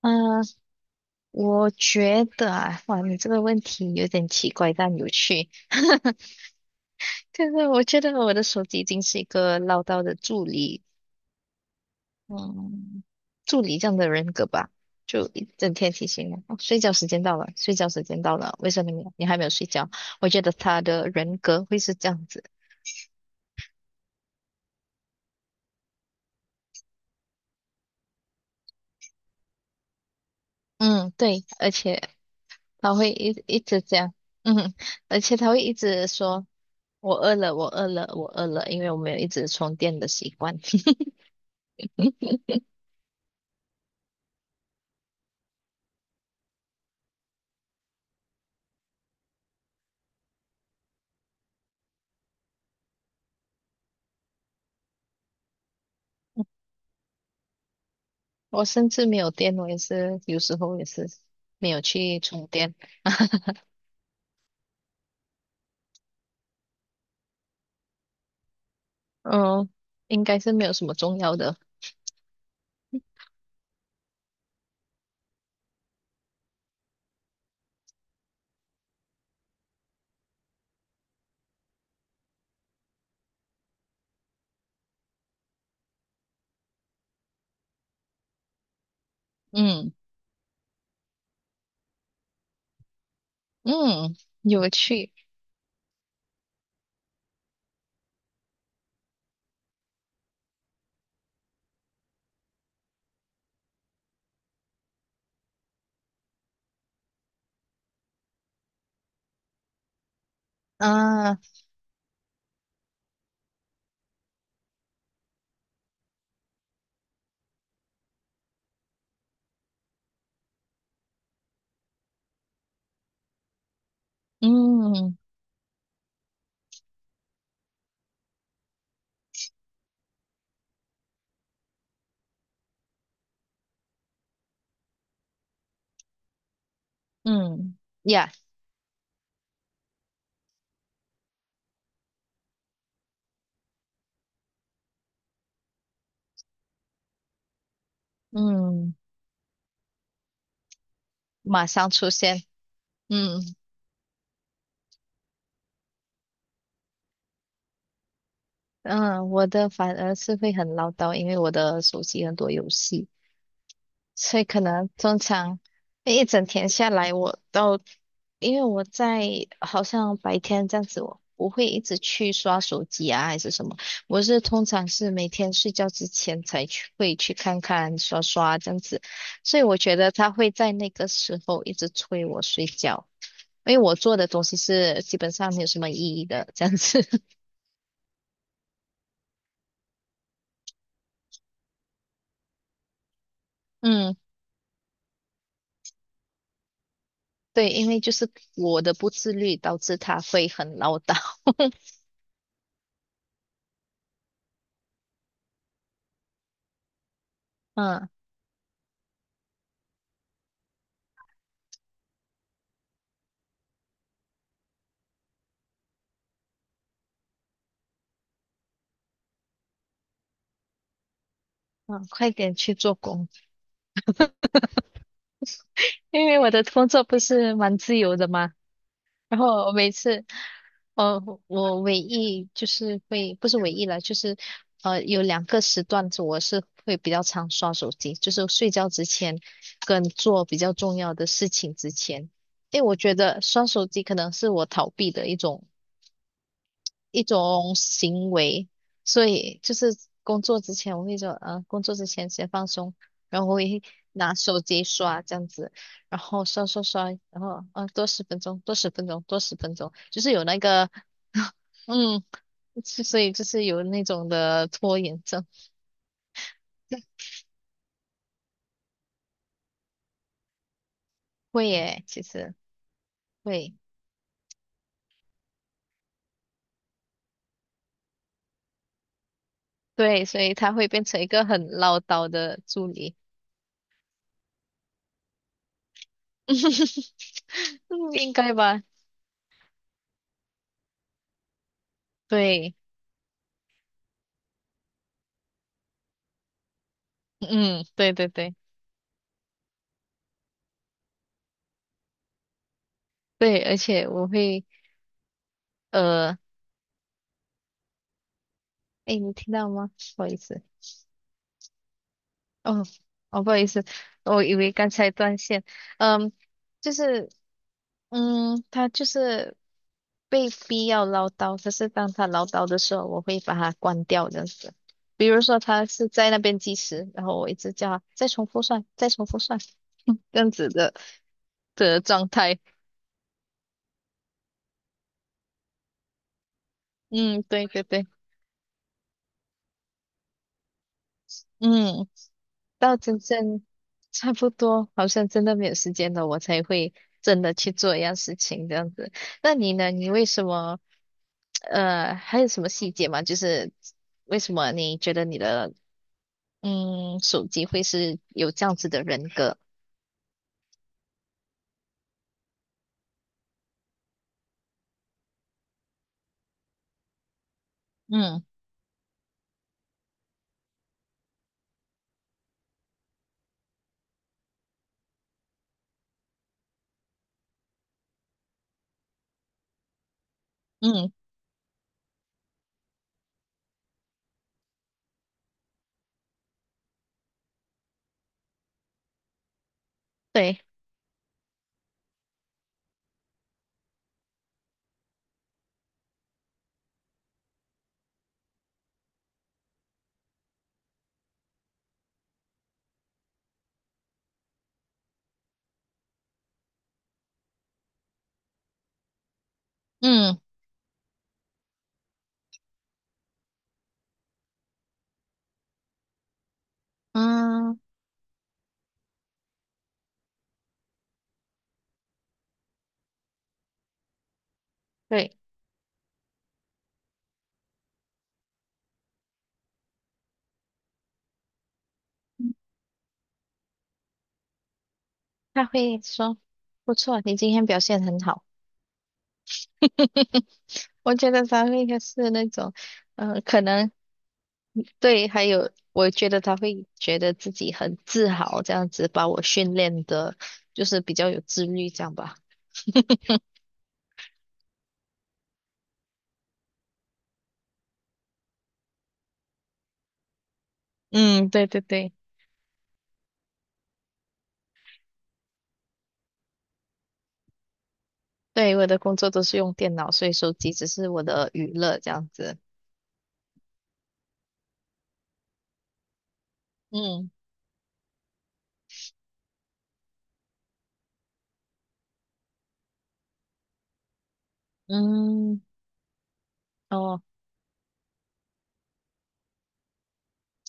嗯，我觉得啊，哇，你这个问题有点奇怪但有趣。就是我觉得我的手机已经是一个唠叨的助理，嗯，助理这样的人格吧，就一整天提醒我，哦，睡觉时间到了，睡觉时间到了，为什么你还没有睡觉？我觉得他的人格会是这样子。嗯，对，而且他会一直这样，嗯，而且他会一直说我饿了，我饿了，我饿了，因为我没有一直充电的习惯。我甚至没有电，我也是有时候也是没有去充电。嗯，应该是没有什么重要的。嗯。嗯。有趣啊。嗯。嗯呀。嗯。马上出现。嗯。嗯，我的反而是会很唠叨，因为我的手机很多游戏。所以可能通常一整天下来，我都因为我在好像白天这样子，我不会一直去刷手机啊，还是什么。我是通常是每天睡觉之前才去会去看看刷刷这样子，所以我觉得他会在那个时候一直催我睡觉，因为我做的东西是基本上没有什么意义的这样子。嗯，对，因为就是我的不自律导致他会很唠叨。嗯。嗯，快点去做工。因为我的工作不是蛮自由的嘛，然后我每次，呃，我唯一就是会，不是唯一了，就是有两个时段子我是会比较常刷手机，就是睡觉之前跟做比较重要的事情之前，因为我觉得刷手机可能是我逃避的一种行为，所以就是工作之前我会说，工作之前先放松，然后我会拿手机刷这样子，然后刷刷刷，然后啊，多十分钟，多十分钟，多十分钟，就是有那个，嗯，是所以就是有那种的拖延症。会耶，其实会。对，所以他会变成一个很唠叨的助理。嗯，应该吧？对。嗯，对对对对，而且我会呃。哎，你听到吗？不好意思。哦。哦，不好意思，我以为刚才断线。嗯，就是，嗯，他就是被逼要唠叨，可是当他唠叨的时候，我会把它关掉这样子。比如说他是在那边计时，然后我一直叫他再重复算，再重复算，这样子的状态。嗯，对对对。嗯，到真正差不多，好像真的没有时间了，我才会真的去做一样事情这样子。那你呢？你为什么？还有什么细节吗？就是为什么你觉得你的嗯手机会是有这样子的人格？嗯。嗯，对。嗯。嗯，对，他会说不错，你今天表现很好。我觉得他会是那种，可能对，还有我觉得他会觉得自己很自豪，这样子把我训练的，就是比较有自律，这样吧。嗯，对对对。对，我的工作都是用电脑，所以手机只是我的娱乐这样子。嗯。嗯。哦。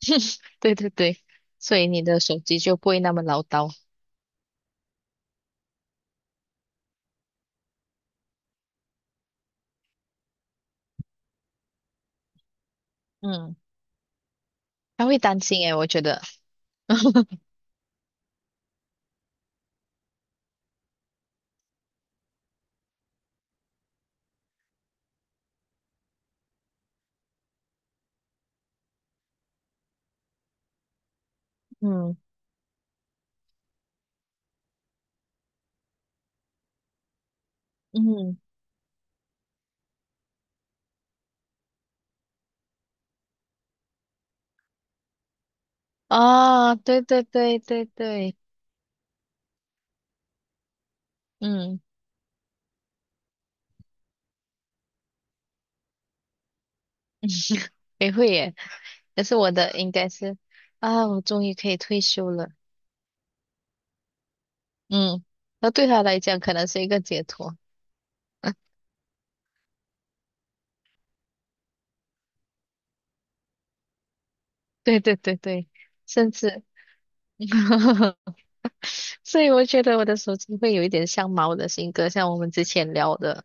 对对对，所以你的手机就不会那么唠叨。嗯，他会担心诶，我觉得。嗯。嗯。哦，对对对对对。嗯，也会耶。可是我的应该是啊，我终于可以退休了。嗯，那对他来讲可能是一个解脱。对对对对，甚至 所以我觉得我的手机会有一点像猫的性格，像我们之前聊的。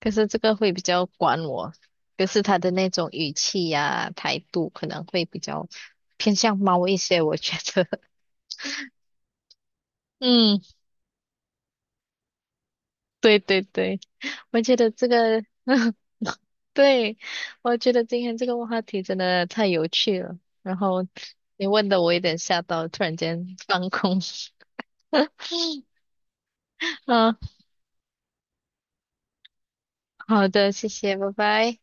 可是这个会比较管我，可是它的那种语气呀、态度可能会比较偏向猫一些，我觉得。嗯，对对对，我觉得这个，对，我觉得今天这个话题真的太有趣了。然后你问的我有点吓到，突然间放空。嗯，好的，谢谢，拜拜。